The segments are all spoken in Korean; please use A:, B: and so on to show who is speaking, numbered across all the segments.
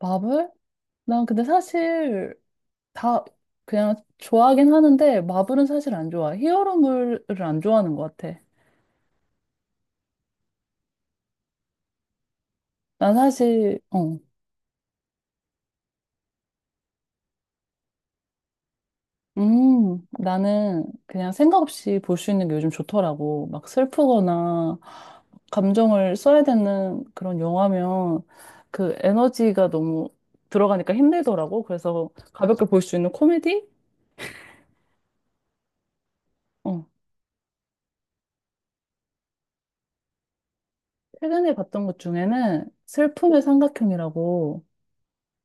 A: 마블? 난 근데 사실 다 그냥 좋아하긴 하는데 마블은 사실 안 좋아. 히어로물을 안 좋아하는 것 같아. 난 사실 어. 나는 그냥 생각 없이 볼 수 있는 게 요즘 좋더라고. 막 슬프거나 감정을 써야 되는 그런 영화면 그 에너지가 너무 들어가니까 힘들더라고. 그래서 가볍게 볼 수 있는 코미디? 어. 최근에 봤던 것 중에는 슬픔의 삼각형이라고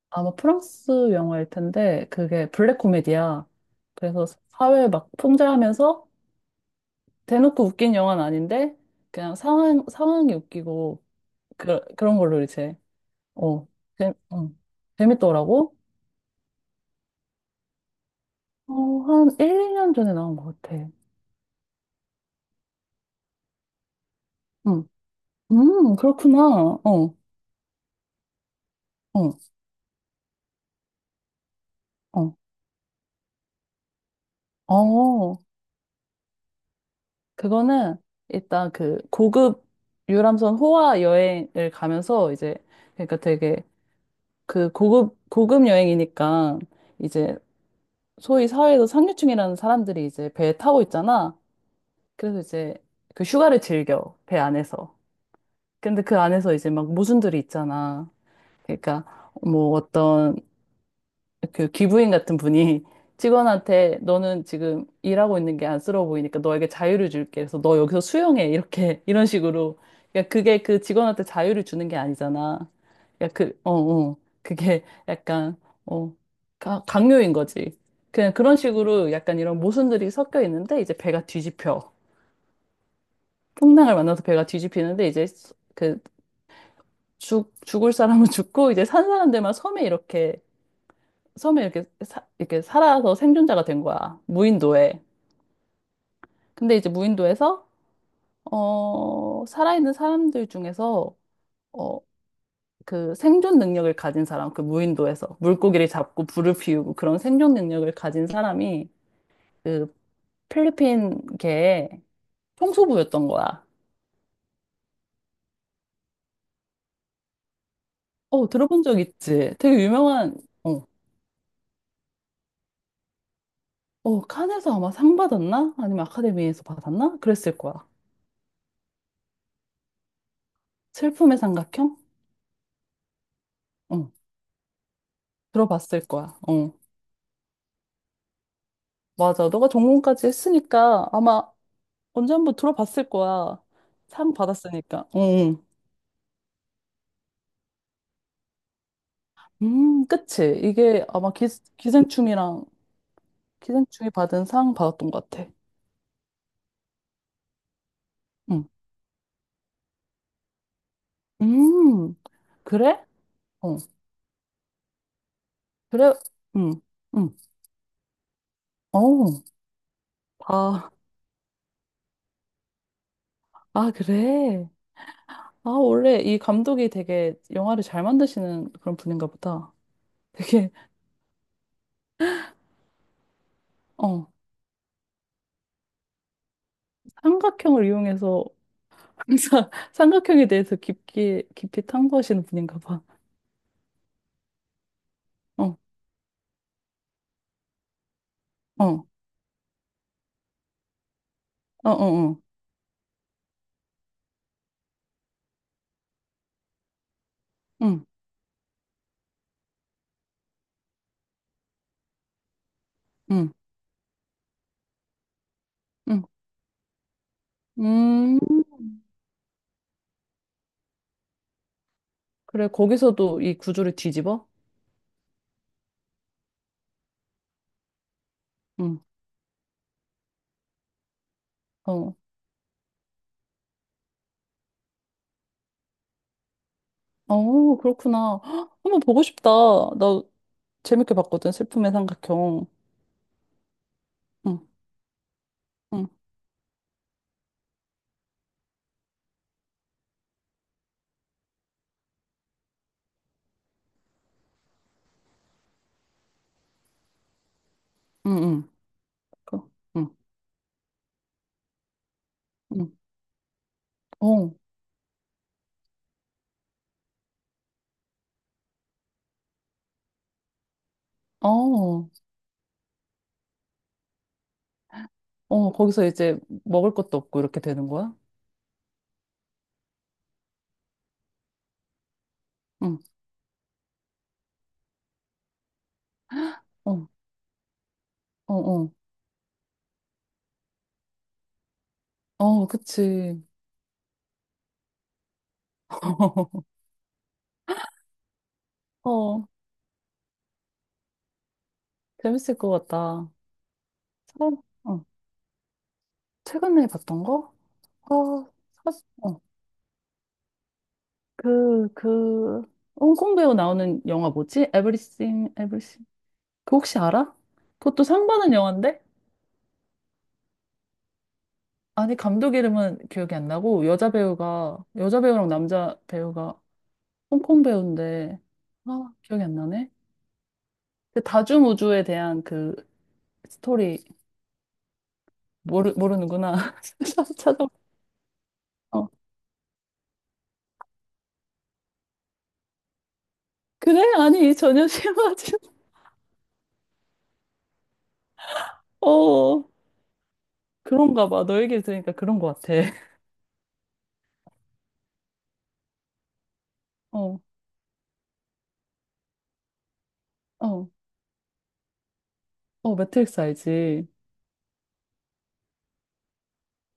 A: 아마 프랑스 영화일 텐데 그게 블랙 코미디야. 그래서 사회 막 풍자하면서 대놓고 웃긴 영화는 아닌데 그냥 상황 상황이 웃기고 그, 그런 걸로 이제 어, 재, 어 재밌더라고. 어, 한 1, 년 전에 나온 것 같아. 응. 그렇구나. 어, 어, 어. 어, 그거는 일단 그 고급 유람선 호화 여행을 가면서 이제 그러니까 되게 그 고급, 고급 여행이니까 이제 소위 사회에서 상류층이라는 사람들이 이제 배에 타고 있잖아. 그래서 이제 그 휴가를 즐겨, 배 안에서. 근데 그 안에서 이제 막 모순들이 있잖아. 그러니까 뭐 어떤 그 기부인 같은 분이 직원한테 너는 지금 일하고 있는 게 안쓰러워 보이니까 너에게 자유를 줄게. 그래서 너 여기서 수영해. 이렇게 이런 식으로. 그러니까 그게 그 직원한테 자유를 주는 게 아니잖아. 그러니까 그, 어, 어. 그게 약간 어, 강요인 거지. 그냥 그런 식으로 약간 이런 모순들이 섞여 있는데 이제 배가 뒤집혀. 풍랑을 만나서 배가 뒤집히는데 이제 그 죽을 사람은 죽고 이제 산 사람들만 섬에 이렇게 섬에 이렇게 이렇게 살아서 생존자가 된 거야. 무인도에. 근데 이제 무인도에서 어, 살아있는 사람들 중에서 어, 그 생존 능력을 가진 사람, 그 무인도에서 물고기를 잡고 불을 피우고 그런 생존 능력을 가진 사람이 그 필리핀계의 총수부였던 거야. 어, 들어본 적 있지? 되게 유명한 어, 어, 칸에서 아마 상 받았나? 아니면 아카데미에서 받았나? 그랬을 거야. 슬픔의 삼각형? 어, 들어봤을 거야. 어. 맞아. 너가 전공까지 했으니까 아마 언제 한번 들어봤을 거야. 상 받았으니까. 응. 응. 그치. 이게 아마 기생충이랑 기생충이 받은 상 받았던 것 같아. 응. 음, 그래? 어, 그래. 응, 응. 어, 아, 아, 그래. 아, 원래 이 감독이 되게 영화를 잘 만드시는 그런 분인가 보다. 되게, 어, 삼각형을 이용해서 항상 삼각형에 대해서 깊게, 깊이 탐구하시는 분인가 봐. 어. 어, 어, 어, 어, 응, 응, 응, 음, 그래, 거기서도 이 구조를 뒤집어? 응, 어, 어, 그렇구나. 헉, 한번 보고 싶다. 나 재밌게 봤거든, 슬픔의 삼각형. 응, 응, 응, 응, 그, 응, 응, 어, 어, 어, 거기서 이제 먹을 것도 없고 이렇게 되는 거야? 응, 어, 어, 어, 어, 그치. 어, 재밌을 것 같다. 어, 어, 최근에 봤던 거? 아, 사실, 그, 그, 홍콩 배우 나오는 영화 뭐지? Everything, Everything. 그 혹시 알아? 그것도 상 받은 영화인데? 아니, 감독 이름은 기억이 안 나고, 여자 배우가, 여자 배우랑 남자 배우가 홍콩 배우인데, 아, 기억이 안 나네? 그 다중우주에 대한 그 스토리, 모르는구나. 찾아 어. 그래? 아니, 전혀 심하지. 어, 그런가 봐. 너 얘기를 들으니까 그런 것 같아. 어, 어, 어, 매트릭스 알지?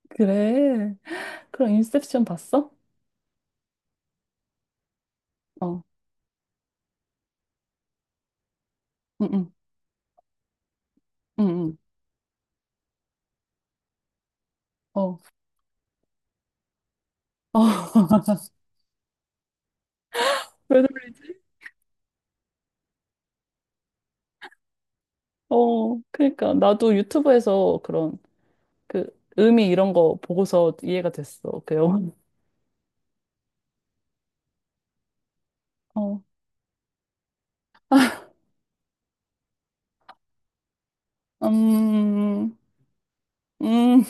A: 그래. 그럼 인셉션 봤어? 어, 응응, 응응, 어, 어, 왜 놀리? 어, 그러니까 나도 유튜브에서 그런 그 의미 이런 거 보고서 이해가 됐어, 그 영화. 어, 음, 음,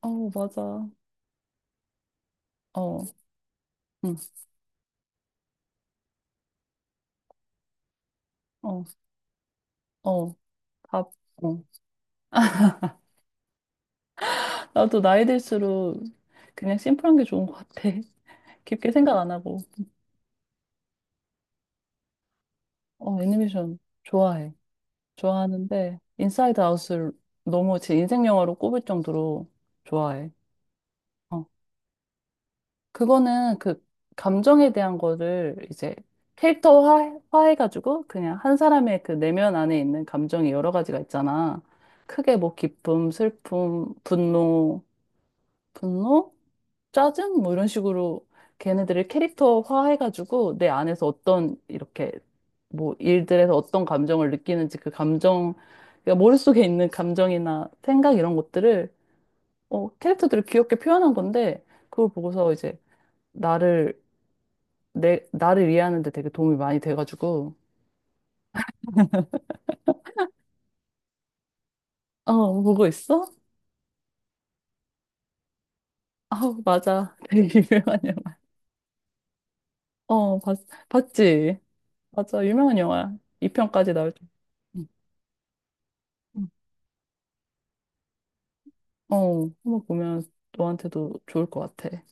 A: 어, 맞아. 어, 응, 어, 어, 답. 어. 나도 나이 들수록 그냥 심플한 게 좋은 것 같아. 깊게 생각 안 하고. 어, 애니메이션 좋아해. 좋아하는데 인사이드 아웃을 너무 제 인생 영화로 꼽을 정도로 좋아해. 그거는 그 감정에 대한 거를 이제 캐릭터화 해가지고 그냥 한 사람의 그 내면 안에 있는 감정이 여러 가지가 있잖아. 크게 뭐 기쁨, 슬픔, 분노, 분노, 짜증 뭐 이런 식으로 걔네들을 캐릭터화 해가지고 내 안에서 어떤 이렇게 뭐 일들에서 어떤 감정을 느끼는지 그 감정, 그러니까 머릿속에 있는 감정이나 생각 이런 것들을 어, 캐릭터들을 귀엽게 표현한 건데 그걸 보고서 이제 나를 나를 이해하는 데 되게 도움이 많이 돼가지고. 어, 보고 있어? 아우, 맞아. 되게 유명한 영화. 어, 봤, 봤지? 맞아, 유명한 영화야. 2편까지 나올 줄. 응, 응. 어, 한번 보면 너한테도 좋을 것 같아.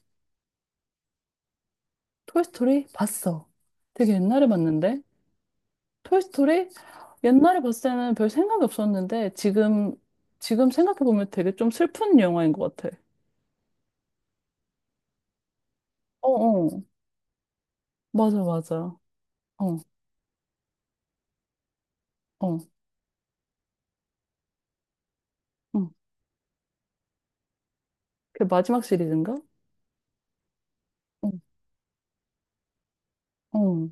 A: 토이스토리 봤어. 되게 옛날에 봤는데? 토이스토리? 옛날에 봤을 때는 별 생각이 없었는데, 지금, 지금 생각해보면 되게 좀 슬픈 영화인 것 같아. 어, 어. 맞아, 맞아. 어, 어. 응. 그 마지막 시리즈인가? 어, 어.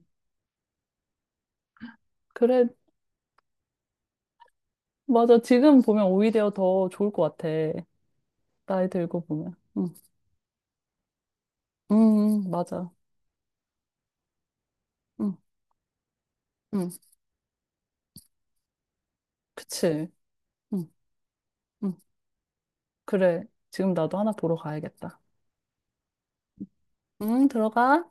A: 그래, 맞아. 지금 보면 오히려 더 좋을 것 같아. 나이 들고 보면. 응, 응, 응, 맞아. 응, 응, 그치. 응, 응. 그래. 지금 나도 하나 보러 가야겠다. 응, 들어가.